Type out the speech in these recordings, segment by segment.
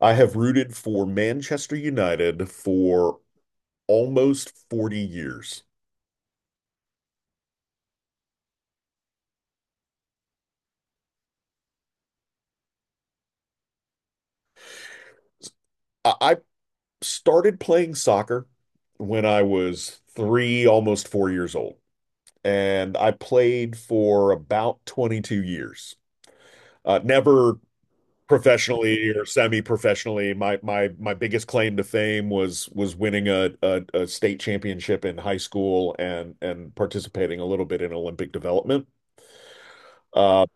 I have rooted for Manchester United for almost 40 years. I started playing soccer when I was three, almost 4 years old, and I played for about 22 years. Never professionally or semi-professionally. My biggest claim to fame was winning a state championship in high school and participating a little bit in Olympic development. Uh,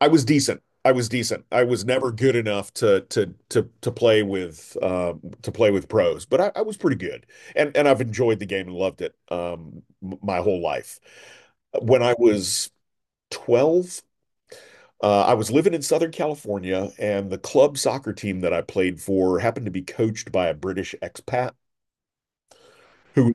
I was decent. I was decent. I was never good enough to play with pros, but I was pretty good, and I've enjoyed the game and loved it, my whole life. When I was 12, I was living in Southern California, and the club soccer team that I played for happened to be coached by a British expat who.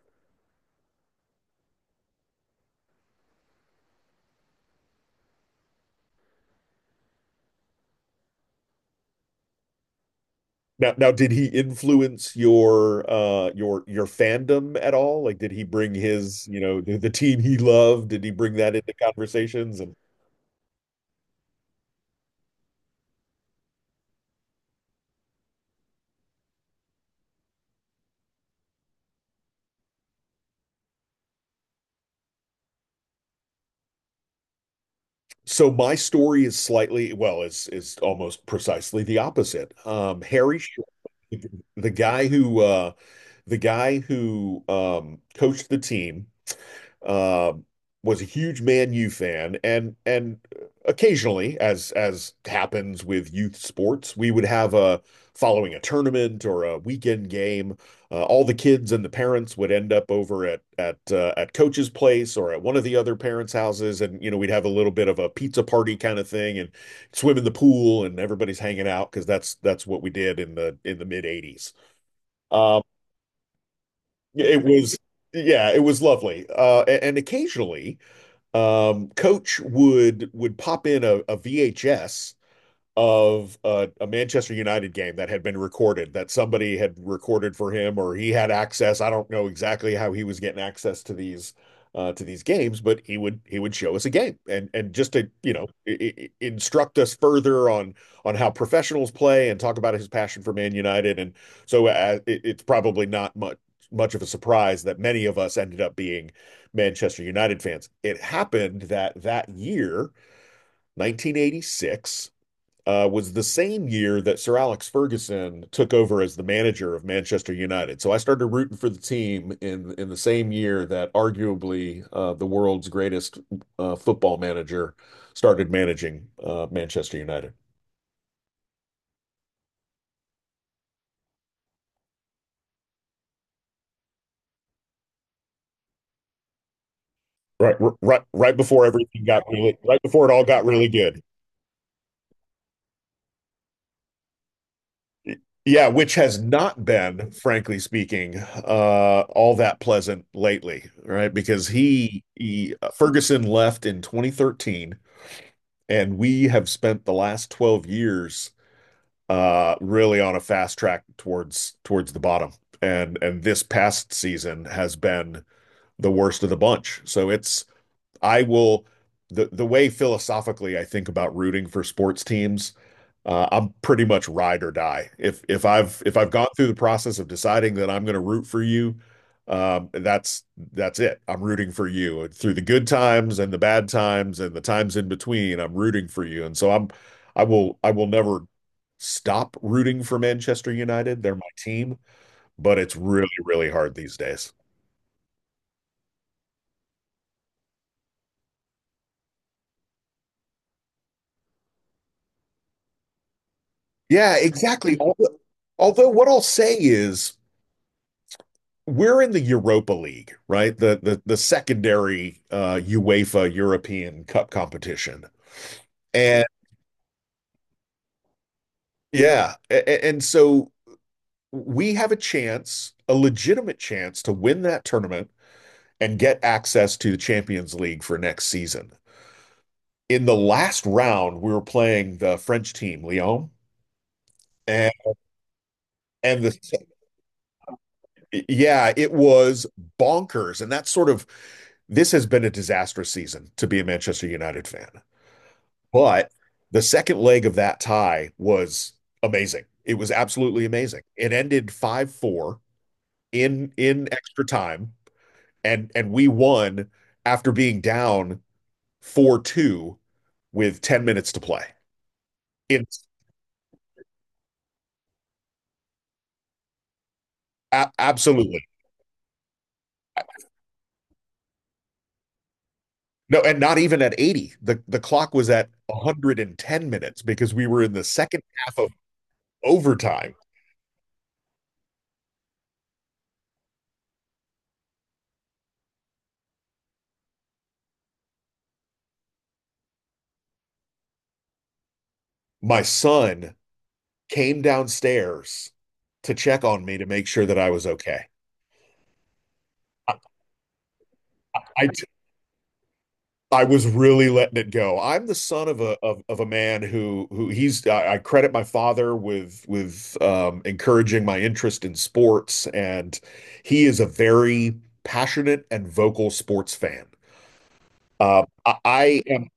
Now, did he influence your your fandom at all? Like, did he bring his, you know, the team he loved? Did he bring that into conversations? And so my story is slightly, well, is almost precisely the opposite. Harry Short, the, guy who uh the guy who coached the team uh, was a huge Man U fan, and occasionally, as happens with youth sports, we would have a following a tournament or a weekend game. All the kids and the parents would end up over at coach's place or at one of the other parents' houses, and we'd have a little bit of a pizza party kind of thing, and swim in the pool, and everybody's hanging out because that's what we did in the mid '80s. Um, it was yeah, it was lovely, and occasionally. Coach would pop in a VHS of a Manchester United game that had been recorded, that somebody had recorded for him, or he had access. I don't know exactly how he was getting access to these games, but he would show us a game and just to, I instruct us further on how professionals play and talk about his passion for Man United. And so, it's probably not much of a surprise that many of us ended up being Manchester United fans. It happened that that year, 1986 was the same year that Sir Alex Ferguson took over as the manager of Manchester United. So I started rooting for the team in the same year that arguably the world's greatest football manager started managing Manchester United. Right, right before everything got really, right before it all got really good. Yeah, which has not been, frankly speaking, all that pleasant lately, right? Because he Ferguson left in 2013. And we have spent the last 12 years, really on a fast track towards the bottom. And this past season has been the worst of the bunch. So it's I will the way philosophically I think about rooting for sports teams, I'm pretty much ride or die. If I've gone through the process of deciding that I'm going to root for you, um, that's that's it. I'm rooting for you and through the good times and the bad times and the times in between. I'm rooting for you, and so I will never stop rooting for Manchester United. They're my team, but it's really hard these days. Yeah, exactly. Although, what I'll say is, we're in the Europa League, right? The secondary UEFA European Cup competition. And yeah, and so we have a chance, a legitimate chance, to win that tournament and get access to the Champions League for next season. In the last round, we were playing the French team, Lyon. And and the Yeah, it was bonkers, and that's sort of, this has been a disastrous season to be a Manchester United fan. But the second leg of that tie was amazing. It was absolutely amazing. It ended 5-4 in extra time, and we won after being down 4-2 with 10 minutes to play. It's Absolutely no, and not even at 80. The clock was at 110 minutes because we were in the second half of overtime. My son came downstairs to check on me to make sure that I was okay. I I was really letting it go. I'm the son of a man, who he's I credit my father with encouraging my interest in sports, and he is a very passionate and vocal sports fan. I am.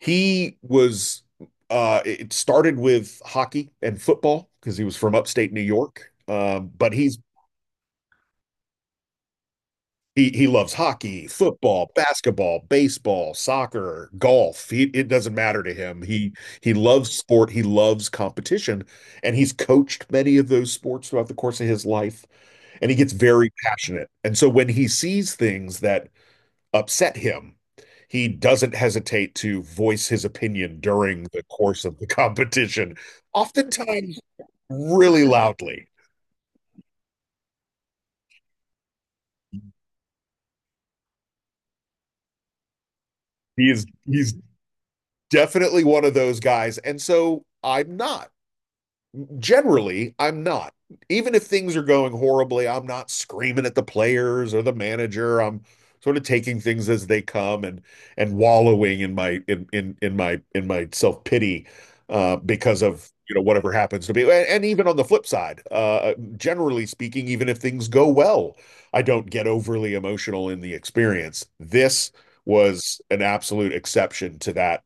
He was. It started with hockey and football because he was from upstate New York. But he's he loves hockey, football, basketball, baseball, soccer, golf. He, it doesn't matter to him. He loves sport. He loves competition, and he's coached many of those sports throughout the course of his life. And he gets very passionate. And so when he sees things that upset him, he doesn't hesitate to voice his opinion during the course of the competition, oftentimes really loudly. He's definitely one of those guys, and so I'm not. Generally, I'm not. Even if things are going horribly, I'm not screaming at the players or the manager. I'm sort of taking things as they come and wallowing in my self-pity, because of whatever happens to be. And, even on the flip side, generally speaking, even if things go well, I don't get overly emotional in the experience. This was an absolute exception to that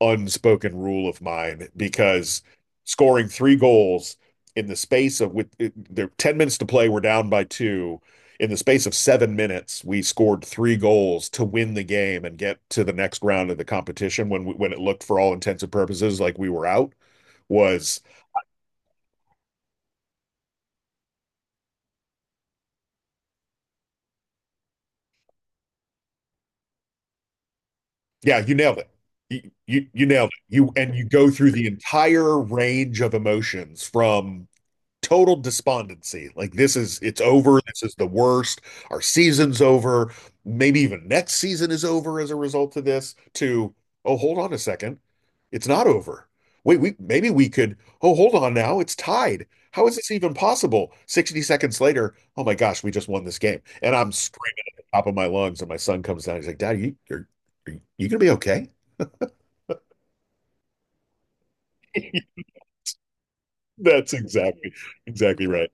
unspoken rule of mine because scoring three goals in the space of, with it- there 10 minutes to play, we're down by two. In the space of 7 minutes, we scored three goals to win the game and get to the next round of the competition when it looked for all intents and purposes like we were out was Yeah, you nailed it. You nailed it. You, and you go through the entire range of emotions from total despondency. Like this is it's over. This is the worst. Our season's over. Maybe even next season is over as a result of this. To Oh, hold on a second, it's not over. Wait, we maybe we could. Oh, hold on now, it's tied. How is this even possible? 60 seconds later, oh my gosh, we just won this game. And I'm screaming top of my lungs. And my son comes down. He's like, Dad, are you going to be okay? That's exactly, exactly right.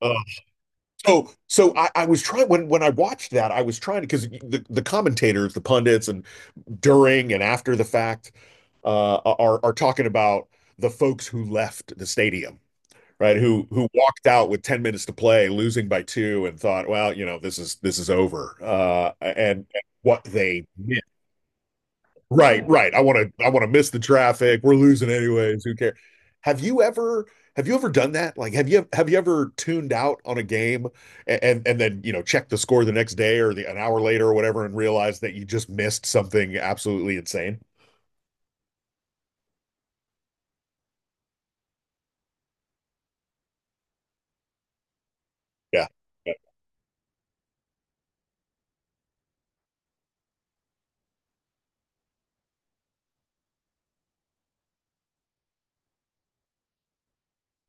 Uh, so I was trying when I watched that, I was trying to because the commentators, the pundits, and during and after the fact, are talking about the folks who left the stadium, right? Who walked out with 10 minutes to play, losing by two, and thought, well, this is over, and what they did. Right, right. I want to miss the traffic. We're losing anyways. Who cares? Have you ever have you ever done that? Like have you ever tuned out on a game, and then, check the score the next day or an hour later or whatever and realize that you just missed something absolutely insane? Yeah. Yeah.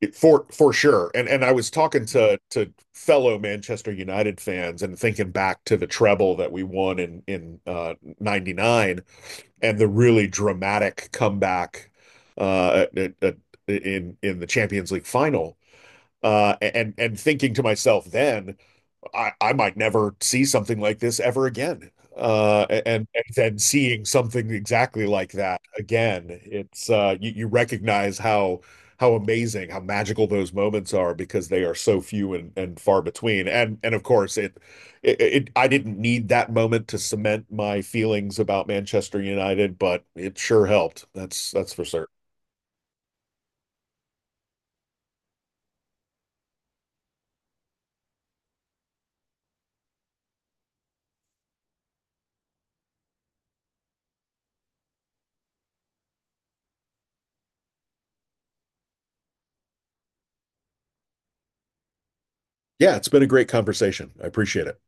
For sure. And I was talking to fellow Manchester United fans and thinking back to the treble that we won in 99 and the really dramatic comeback, uh, in the Champions League final, and thinking to myself then, I might never see something like this ever again. And then seeing something exactly like that again, it's you recognize how amazing, how magical those moments are because they are so few and far between. And of course, it I didn't need that moment to cement my feelings about Manchester United, but it sure helped. That's for certain. Yeah, it's been a great conversation. I appreciate it.